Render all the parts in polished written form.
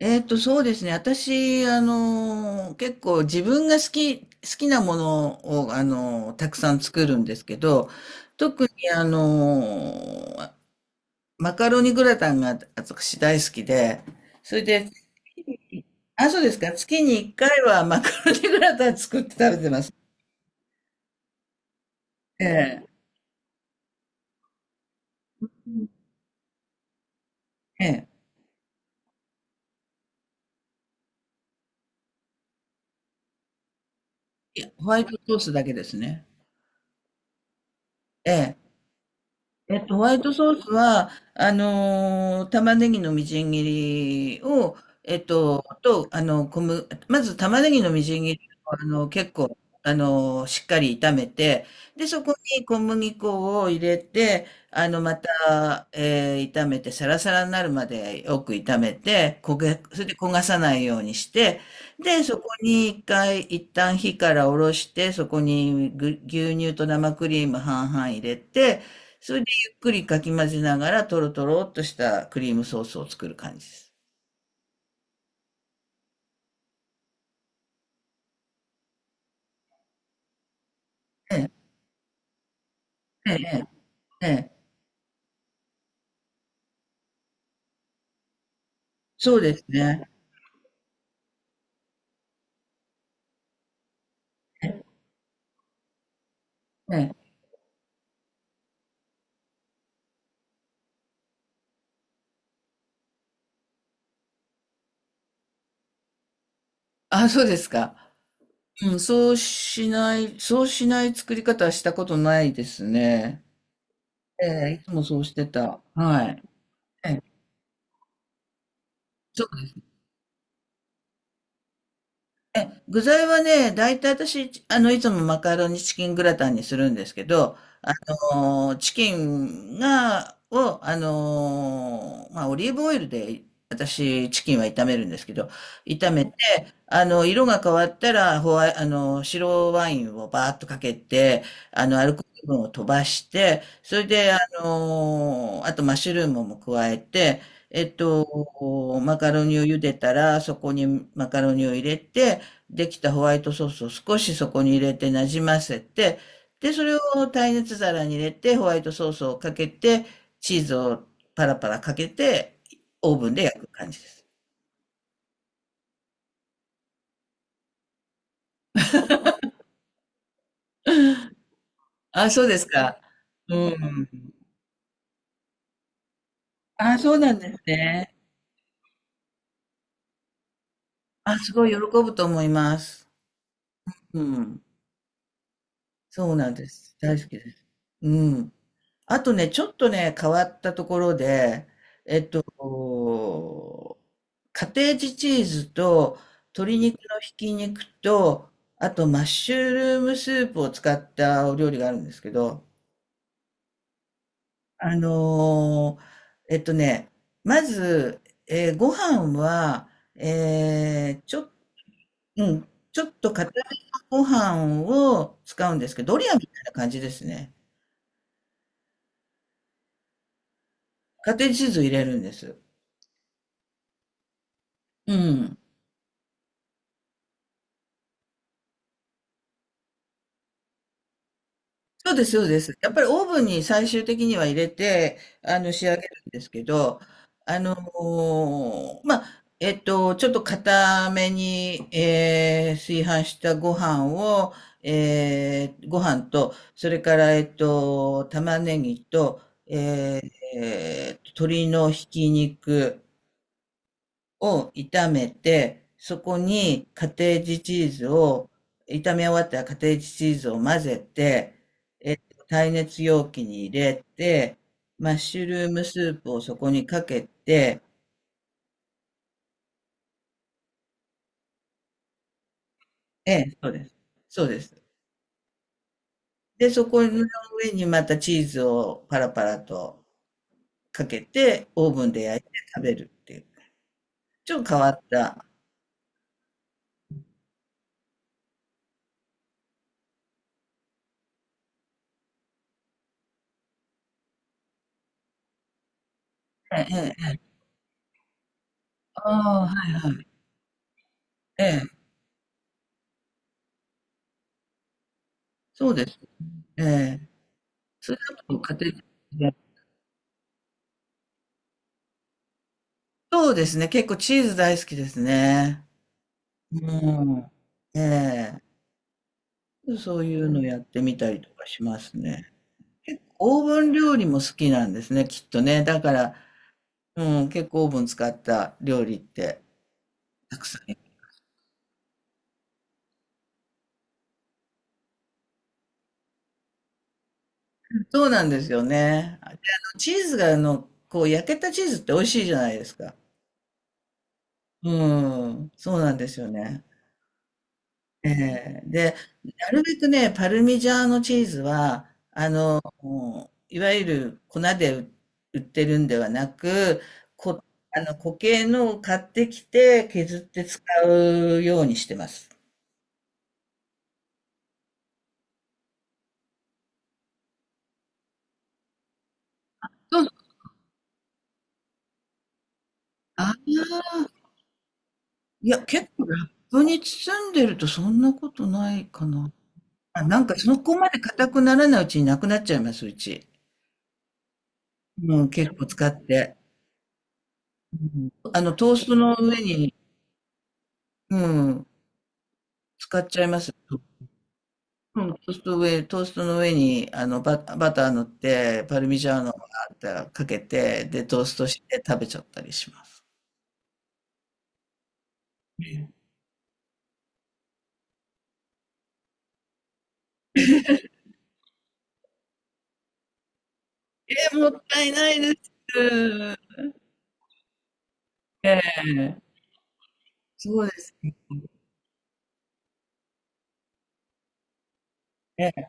そうですね。私、結構自分が好きなものを、たくさん作るんですけど、特に、ー、マカロニグラタンが私大好きで、それで、あ、そうですか。月に1回はマカロニグラタン作って食べてます。ええ。ええ。いやホワイトソースだけですね。ええ。ホワイトソースは、玉ねぎのみじん切りを、えっと、と、あの、小麦、まず玉ねぎのみじん切りを、結構、しっかり炒めて、で、そこに小麦粉を入れて、また、炒めて、サラサラになるまでよく炒めて、それで焦がさないようにして、で、そこに一旦火から下ろして、そこに牛乳と生クリーム半々入れて、それでかき混ぜながら、とろとろっとしたクリームソースを作る感じです。ええ、ええ、ええ、そうですね。ええ、あ、そうですか。うん、そうしない作り方はしたことないですね。ええ、いつもそうしてた。はい。ええ、そう具材はね、だいたい私、いつもマカロニチキングラタンにするんですけど、あチキンを、まあ、オリーブオイルで、私、チキンは炒めるんですけど、炒めあの、色が変わったら、ホワイ、あの、白ワインをバーッとかけて、アルコール分を飛ばして、それで、あとマッシュルームも加えて、マカロニを茹でたら、そこにマカロニを入れて、できたホワイトソースを少しそこに入れてなじませて、で、それを耐熱皿に入れて、ホワイトソースをかけて、チーズをパラパラかけて、オーブンで焼く感じです。あ、そうですか。うん。あ、そうなんですね。あ、すごい喜ぶと思います。うん。そうなんです。大好きです。うん。あとね、ちょっとね、変わったところで、こう、カテージチーズと鶏肉のひき肉と、あとマッシュルームスープを使ったお料理があるんですけど、あのーえっとね、まず、ご飯は、えーちょっうん。ちょっと硬めのご飯を使うんですけど、ドリアみたいな感じですね。カテージチーズを入れるんです。うん。そうです、そうです。やっぱりオーブンに最終的には入れて、仕上げるんですけど、まあ、ちょっと硬めに、炊飯したご飯を、ご飯と、それから、玉ねぎと、えー鶏のひき肉、を炒めて、そこにカテージチーズを、炒め終わったらカテージチーズを混ぜて、耐熱容器に入れて、マッシュルームスープをそこにかけて、ええ、そうです。そうです。で、そこの上にまたチーズをパラパラとかけて、オーブンで焼いて食べるっていう。ちょっと変わった。ええ、ええ、ああ、はいはい。ええ、そうです。ええ。それだと家庭そうですね。結構チーズ大好きですね。うん。ええ。そういうのやってみたりとかしますね。結構オーブン料理も好きなんですね、きっとね。だから、うん、結構オーブン使った料理ってたくさん。そうなんですよね。あで、あの、チーズがあの、こう焼けたチーズって美味しいじゃないですか。うん、そうなんですよね。ええ。で、なるべくね、パルミジャーノチーズは、もう、いわゆる粉で売ってるんではなく、こ、あの固形のを買ってきて削って使うようにしてます。そうああ、いや、結構ラップに包んでるとそんなことないかな。あ、なんかそこまで硬くならないうちになくなっちゃいます、うち。うん、結構使って。うん、トーストの上に、うん、使っちゃいます。うん、トーストの上に、バター塗って、パルミジャーノをかけて、で、トーストして食べちゃったりします。えもったいないです。ええ、そうですね。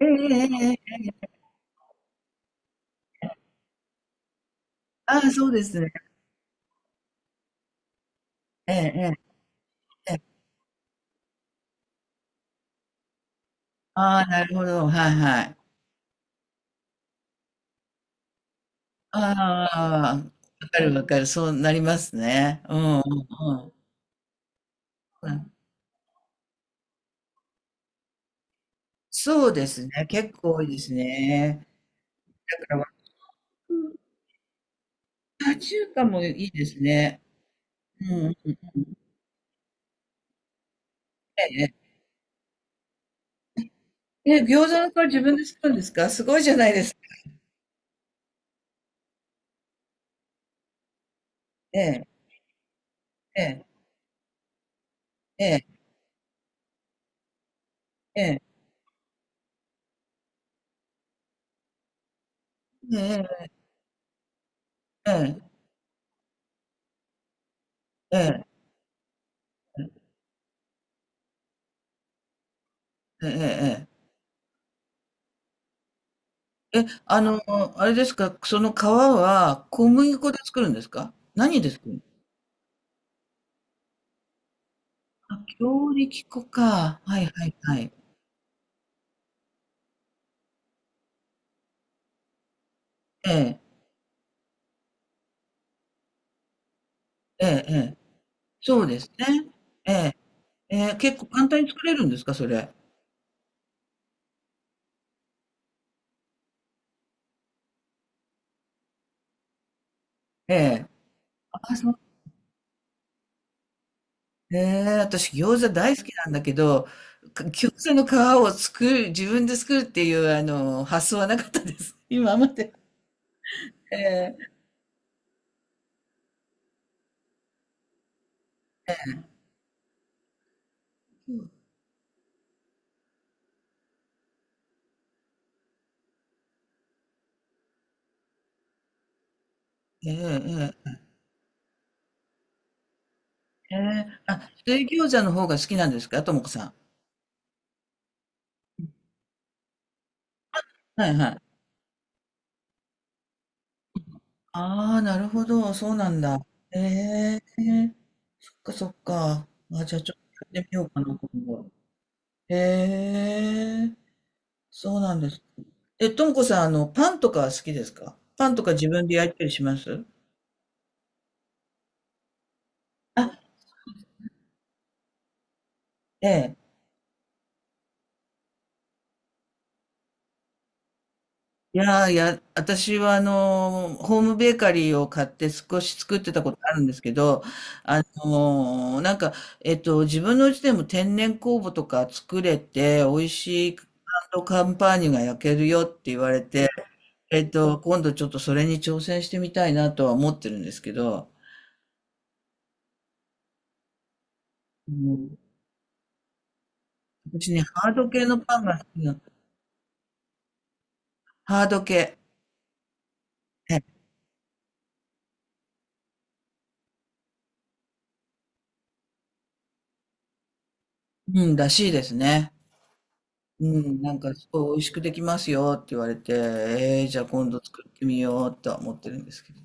ええええええ、ああ、そうですね。ええええええ、ああ、なるほど。はいはい。ああ、わかるわかる。そうなりますね。うんうんうん。うん、そうですね。結構多いですね。だから、和風あ中華もいいですね。うんうんうんうん。えええ餃子の皮自分で作るんですか？すごいじゃないですか。ええ、ええ、ええ、ええ。うんうんうん、ええ、ええ、うん、ええええええ。あれですか、その皮は小麦粉で作るんですか？何で作るの？あ、強力粉か。はいはいはい。ええ、ええええ。そうですね。ええ、ええ、結構簡単に作れるんですか？それ。ええ。あ、そへえ、私餃子大好きなんだけど、餃子の皮を作る、自分で作るっていうあの発想はなかったです。今まで。ええ、ええ、ええ、ええ、あ、水餃子の方が好きなんですか、ともこさん。はいはい。ああ、なるほど、そうなんだ。ええ、そっかそっか。あ、じゃあちょっとやってみようかな、今度。ええ、そうなんです。え、ともこさん、パンとかは好きですか？パンとか自分で焼いたりします？あ、ええ。いやー、いや、私はホームベーカリーを買って少し作ってたことあるんですけど、あのー、なんか、自分のうちでも天然酵母とか作れて、美味しいカンパーニュが焼けるよって言われて、今度ちょっとそれに挑戦してみたいなとは思ってるんですけど、うん、私ね、ハード系のパンが好きな、ハード系、えうん、らしいですね。うん、なんか、すごい美味しくできますよって言われて、じゃあ今度作ってみようとは思ってるんですけど。